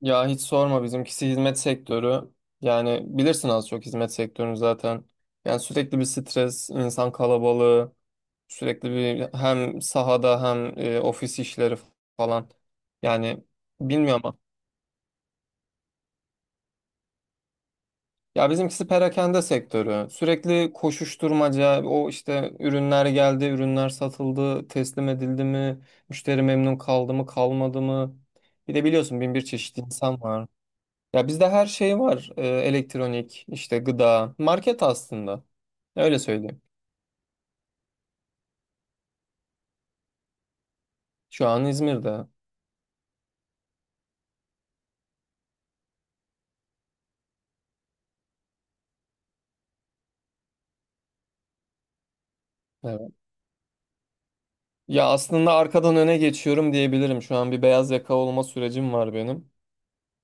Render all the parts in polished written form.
Ya hiç sorma, bizimkisi hizmet sektörü. Yani bilirsin az çok hizmet sektörünü zaten. Yani sürekli bir stres, insan kalabalığı, sürekli bir hem sahada hem ofis işleri falan. Yani bilmiyorum. Ya bizimkisi perakende sektörü. Sürekli koşuşturmaca, o işte ürünler geldi, ürünler satıldı, teslim edildi mi, müşteri memnun kaldı mı, kalmadı mı? Bir de biliyorsun bin bir çeşit insan var. Ya bizde her şey var. Elektronik, işte gıda, market aslında. Öyle söyleyeyim. Şu an İzmir'de. Evet. Ya aslında arkadan öne geçiyorum diyebilirim. Şu an bir beyaz yaka olma sürecim var benim.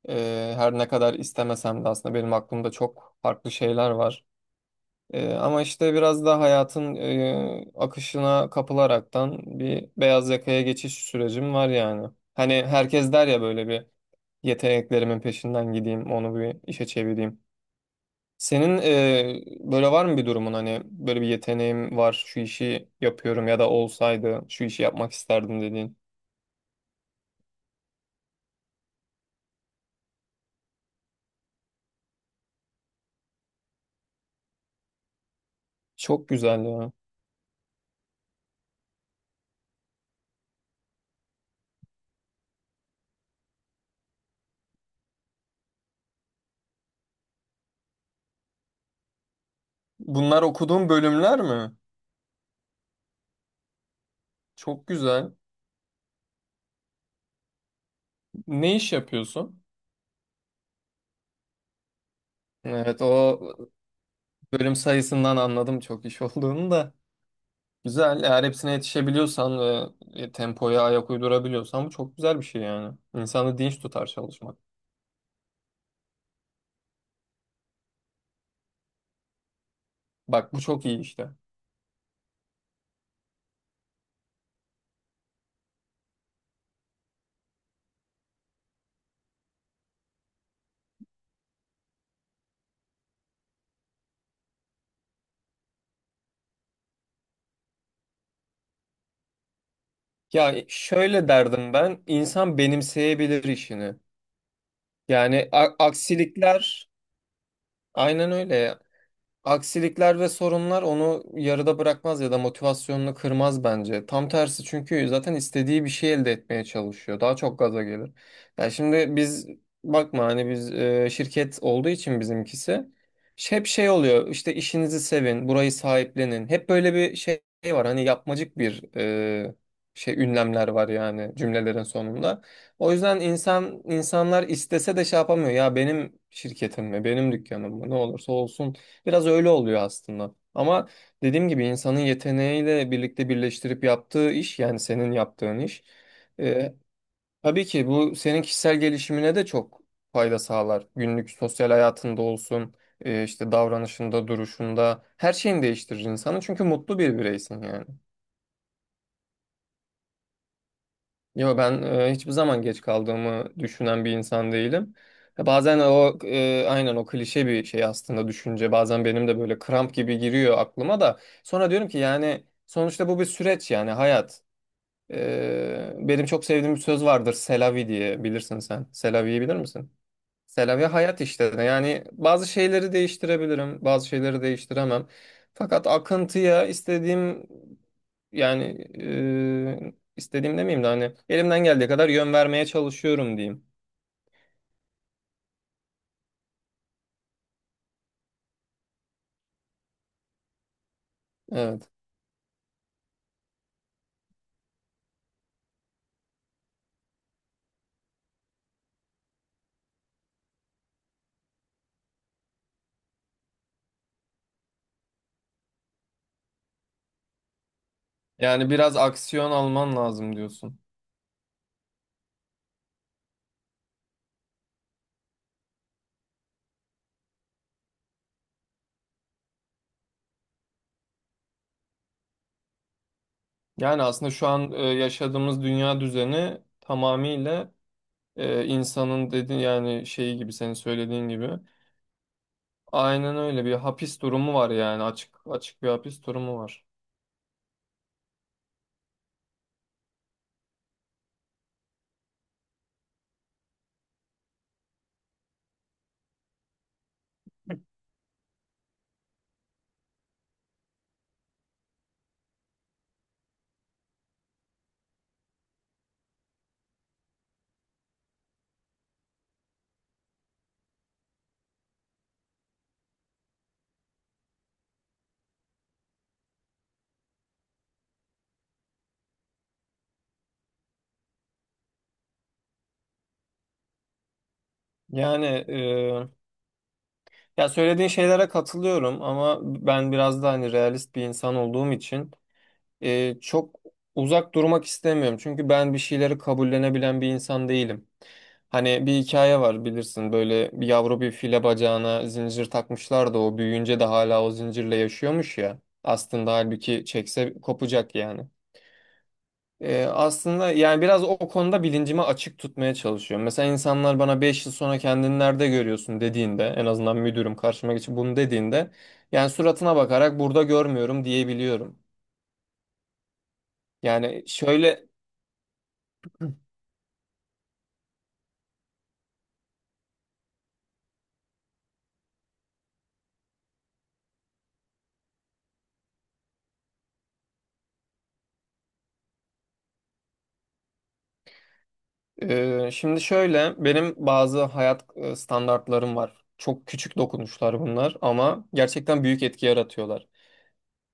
Her ne kadar istemesem de aslında benim aklımda çok farklı şeyler var. Ama işte biraz da hayatın akışına kapılaraktan bir beyaz yakaya geçiş sürecim var yani. Hani herkes der ya, böyle bir yeteneklerimin peşinden gideyim, onu bir işe çevireyim. Senin böyle var mı bir durumun, hani böyle bir yeteneğim var, şu işi yapıyorum ya da olsaydı şu işi yapmak isterdim dediğin? Çok güzel ya. Bunlar okuduğun bölümler mi? Çok güzel. Ne iş yapıyorsun? Evet, o bölüm sayısından anladım çok iş olduğunu da. Güzel. Eğer hepsine yetişebiliyorsan ve tempoya ayak uydurabiliyorsan bu çok güzel bir şey yani. İnsanı dinç tutar çalışmak. Bak bu çok iyi işte. Ya şöyle derdim ben. İnsan benimseyebilir işini. Yani aksilikler, aynen öyle. Aksilikler ve sorunlar onu yarıda bırakmaz ya da motivasyonunu kırmaz bence. Tam tersi, çünkü zaten istediği bir şey elde etmeye çalışıyor. Daha çok gaza gelir. Yani şimdi biz, bakma hani biz şirket olduğu için bizimkisi hep şey oluyor. İşte işinizi sevin, burayı sahiplenin. Hep böyle bir şey var. Hani yapmacık bir şey ünlemler var yani cümlelerin sonunda. O yüzden insanlar istese de şey yapamıyor. Ya benim şirketim mi, benim dükkanım mı, ne olursa olsun. Biraz öyle oluyor aslında. Ama dediğim gibi insanın yeteneğiyle birlikte birleştirip yaptığı iş, yani senin yaptığın iş. e, tabii ki bu senin kişisel gelişimine de çok fayda sağlar. Günlük sosyal hayatında olsun, işte davranışında, duruşunda her şeyini değiştirir insanı. Çünkü mutlu bir bireysin yani. Yo, ben hiçbir zaman geç kaldığımı düşünen bir insan değilim. Ya bazen o aynen o klişe bir şey aslında düşünce. Bazen benim de böyle kramp gibi giriyor aklıma da. Sonra diyorum ki, yani sonuçta bu bir süreç yani, hayat. E, benim çok sevdiğim bir söz vardır, Selavi diye, bilirsin sen. Selavi'yi bilir misin? Selam ya hayat işte. Yani bazı şeyleri değiştirebilirim, bazı şeyleri değiştiremem. Fakat akıntıya istediğim, yani istediğim demeyeyim de, hani elimden geldiği kadar yön vermeye çalışıyorum diyeyim. Evet. Yani biraz aksiyon alman lazım diyorsun. Yani aslında şu an yaşadığımız dünya düzeni tamamıyla insanın dedi yani şeyi gibi senin söylediğin gibi. Aynen öyle, bir hapis durumu var yani, açık açık bir hapis durumu var. Yani, ya söylediğin şeylere katılıyorum ama ben biraz da hani realist bir insan olduğum için çok uzak durmak istemiyorum. Çünkü ben bir şeyleri kabullenebilen bir insan değilim. Hani bir hikaye var, bilirsin, böyle bir yavru bir file bacağına zincir takmışlar da o büyüyünce de hala o zincirle yaşıyormuş ya. Aslında halbuki çekse kopacak yani. Aslında yani biraz o konuda bilincimi açık tutmaya çalışıyorum. Mesela insanlar bana 5 yıl sonra kendini nerede görüyorsun dediğinde, en azından müdürüm karşıma geçip bunu dediğinde yani, suratına bakarak burada görmüyorum diyebiliyorum. Yani şöyle, şimdi şöyle, benim bazı hayat standartlarım var. Çok küçük dokunuşlar bunlar ama gerçekten büyük etki yaratıyorlar.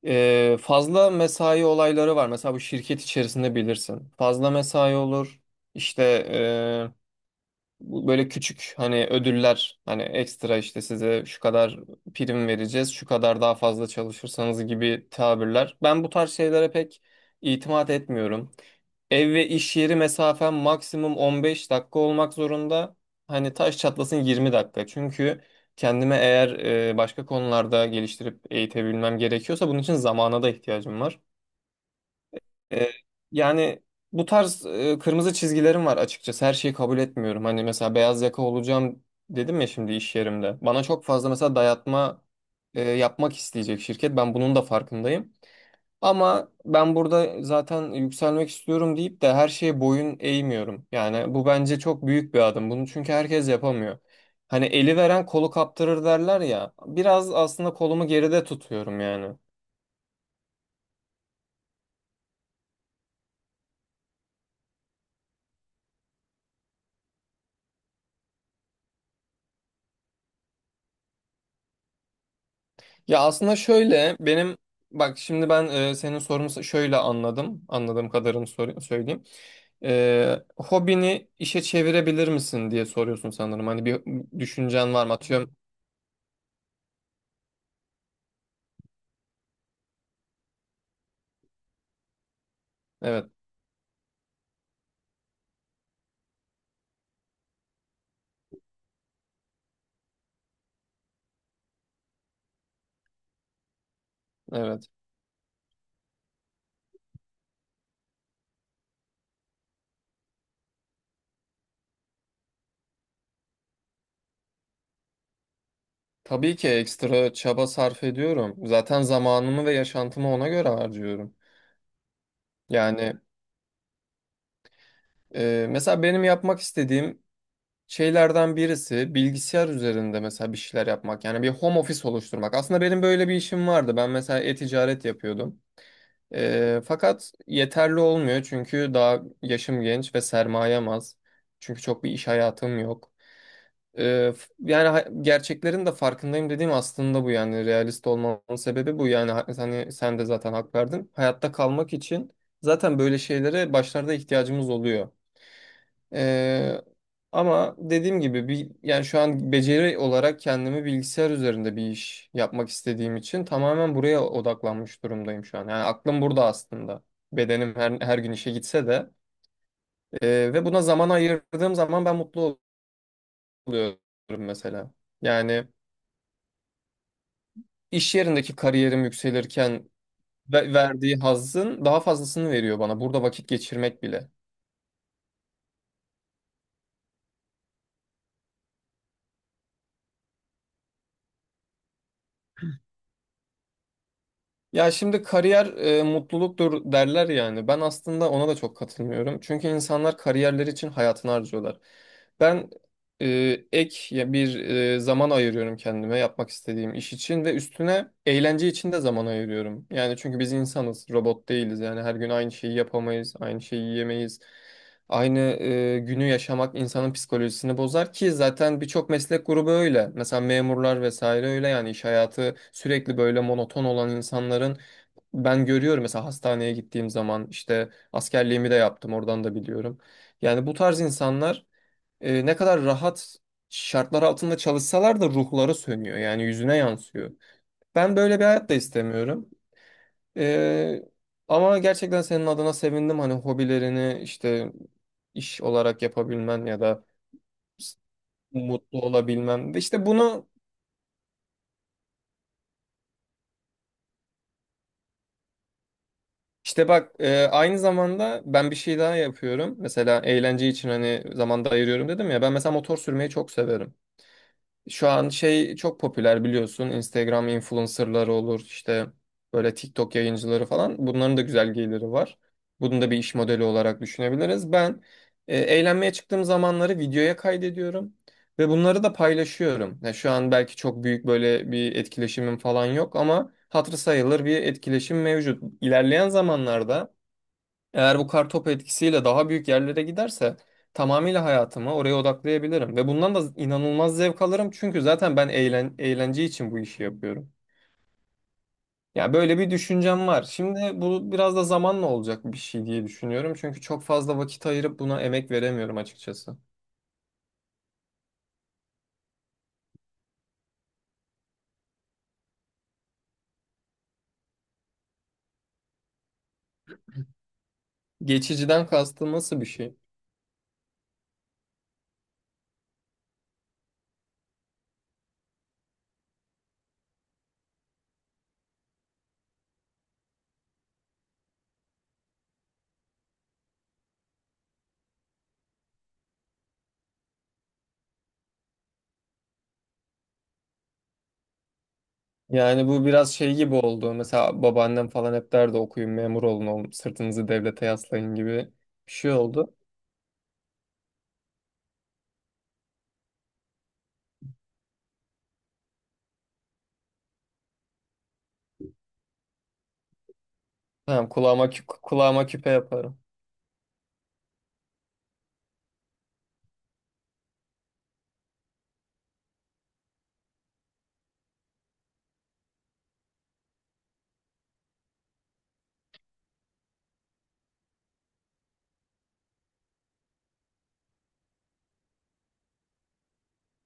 Fazla mesai olayları var. Mesela bu şirket içerisinde bilirsin, fazla mesai olur. İşte bu, böyle küçük hani ödüller, hani ekstra işte size şu kadar prim vereceğiz, şu kadar daha fazla çalışırsanız gibi tabirler. Ben bu tarz şeylere pek itimat etmiyorum. Ev ve iş yeri mesafem maksimum 15 dakika olmak zorunda. Hani taş çatlasın 20 dakika. Çünkü kendime, eğer başka konularda geliştirip eğitebilmem gerekiyorsa, bunun için zamana da ihtiyacım var. E, yani bu tarz kırmızı çizgilerim var açıkçası. Her şeyi kabul etmiyorum. Hani mesela beyaz yaka olacağım dedim ya şimdi iş yerimde. Bana çok fazla mesela dayatma yapmak isteyecek şirket. Ben bunun da farkındayım. Ama ben burada zaten yükselmek istiyorum deyip de her şeye boyun eğmiyorum. Yani bu bence çok büyük bir adım. Bunu çünkü herkes yapamıyor. Hani eli veren kolu kaptırır derler ya. Biraz aslında kolumu geride tutuyorum yani. Ya aslında şöyle, benim, bak şimdi ben senin sorunu şöyle anladım. Anladığım kadarını söyleyeyim. E, hobini işe çevirebilir misin diye soruyorsun sanırım. Hani bir düşüncen var mı? Atıyorum. Evet, evet. Tabii ki ekstra çaba sarf ediyorum. Zaten zamanımı ve yaşantımı ona göre harcıyorum. Yani mesela benim yapmak istediğim şeylerden birisi bilgisayar üzerinde mesela bir şeyler yapmak. Yani bir home office oluşturmak. Aslında benim böyle bir işim vardı. Ben mesela e-ticaret yapıyordum. Fakat yeterli olmuyor çünkü daha yaşım genç ve sermayem az. Çünkü çok bir iş hayatım yok. Yani gerçeklerin de farkındayım dediğim aslında bu yani, realist olmamın sebebi bu yani, hani sen de zaten hak verdin. Hayatta kalmak için zaten böyle şeylere başlarda ihtiyacımız oluyor. Ee, Ama dediğim gibi bir, yani şu an beceri olarak kendimi bilgisayar üzerinde bir iş yapmak istediğim için tamamen buraya odaklanmış durumdayım şu an. Yani aklım burada aslında. Bedenim her gün işe gitse de, Ee, ve buna zaman ayırdığım zaman ben mutlu oluyorum mesela. Yani iş yerindeki kariyerim yükselirken verdiği hazzın daha fazlasını veriyor bana burada vakit geçirmek bile. Ya şimdi kariyer mutluluktur derler yani. Ben aslında ona da çok katılmıyorum. Çünkü insanlar kariyerleri için hayatını harcıyorlar. Ben ek ya bir zaman ayırıyorum kendime yapmak istediğim iş için, ve üstüne eğlence için de zaman ayırıyorum. Yani çünkü biz insanız, robot değiliz. Yani her gün aynı şeyi yapamayız, aynı şeyi yiyemeyiz. Aynı günü yaşamak insanın psikolojisini bozar ki zaten birçok meslek grubu öyle. Mesela memurlar vesaire öyle yani, iş hayatı sürekli böyle monoton olan insanların, ben görüyorum mesela hastaneye gittiğim zaman, işte askerliğimi de yaptım, oradan da biliyorum. Yani bu tarz insanlar ne kadar rahat şartlar altında çalışsalar da ruhları sönüyor yani, yüzüne yansıyor. Ben böyle bir hayat da istemiyorum. Ee, Ama gerçekten senin adına sevindim, hani hobilerini işte iş olarak yapabilmen ya da s- mutlu olabilmen. Ve işte bunu, işte bak, aynı zamanda ben bir şey daha yapıyorum. Mesela eğlence için hani zamanda ayırıyorum dedim ya, ben mesela motor sürmeyi çok severim. Şu an şey çok popüler biliyorsun. Instagram influencerları olur işte, böyle TikTok yayıncıları falan. Bunların da güzel geliri var. Bunu da bir iş modeli olarak düşünebiliriz. Ben eğlenmeye çıktığım zamanları videoya kaydediyorum ve bunları da paylaşıyorum. Ya şu an belki çok büyük böyle bir etkileşimim falan yok ama hatırı sayılır bir etkileşim mevcut. İlerleyen zamanlarda eğer bu kartopu etkisiyle daha büyük yerlere giderse, tamamıyla hayatımı oraya odaklayabilirim. Ve bundan da inanılmaz zevk alırım. Çünkü zaten ben eğlence için bu işi yapıyorum. Ya böyle bir düşüncem var. Şimdi bu biraz da zamanla olacak bir şey diye düşünüyorum. Çünkü çok fazla vakit ayırıp buna emek veremiyorum açıkçası. Geçiciden kastım nasıl bir şey? Yani bu biraz şey gibi oldu. Mesela babaannem falan hep derdi, okuyun, memur olun, oğlum, sırtınızı devlete yaslayın gibi bir şey oldu. Tamam, kulağıma küpe yaparım.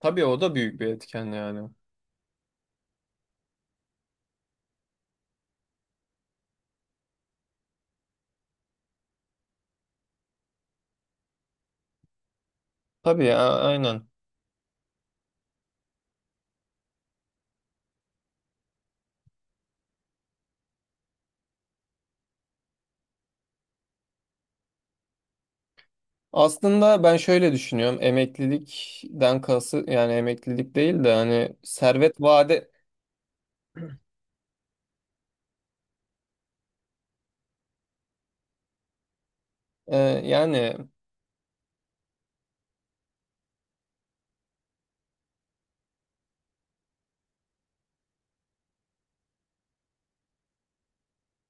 Tabii o da büyük bir etken yani. Tabii ya, aynen. Aslında ben şöyle düşünüyorum. Emeklilikten kası, yani emeklilik değil de hani servet vade, e, yani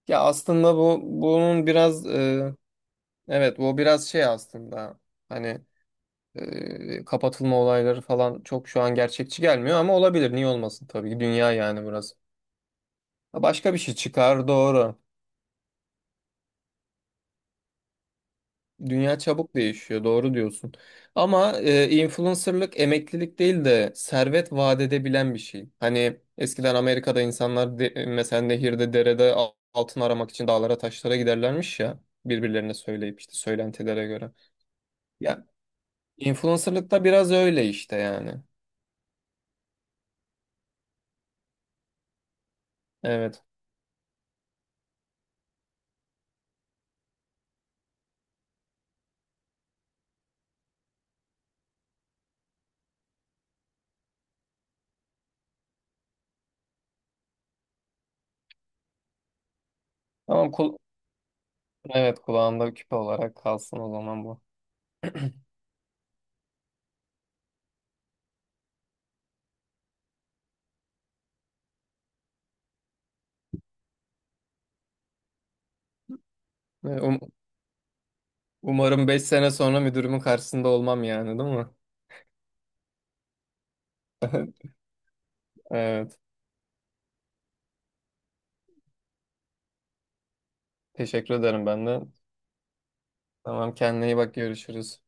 ya aslında bu, bunun biraz evet, bu biraz şey aslında, hani kapatılma olayları falan çok şu an gerçekçi gelmiyor ama olabilir. Niye olmasın, tabii ki. Dünya yani, burası. Başka bir şey çıkar, doğru. Dünya çabuk değişiyor, doğru diyorsun. Ama influencerlık emeklilik değil de servet vaat edebilen bir şey. Hani eskiden Amerika'da insanlar mesela nehirde, derede, altın aramak için dağlara, taşlara giderlermiş ya, birbirlerine söyleyip işte söylentilere göre. Ya influencerlık da biraz öyle işte yani. Evet. Tamam, evet, kulağımda küpe olarak kalsın o zaman bu. E, um- Umarım 5 sene sonra müdürümün karşısında olmam yani, değil mi? Evet. Teşekkür ederim ben de. Tamam, kendine iyi bak, görüşürüz.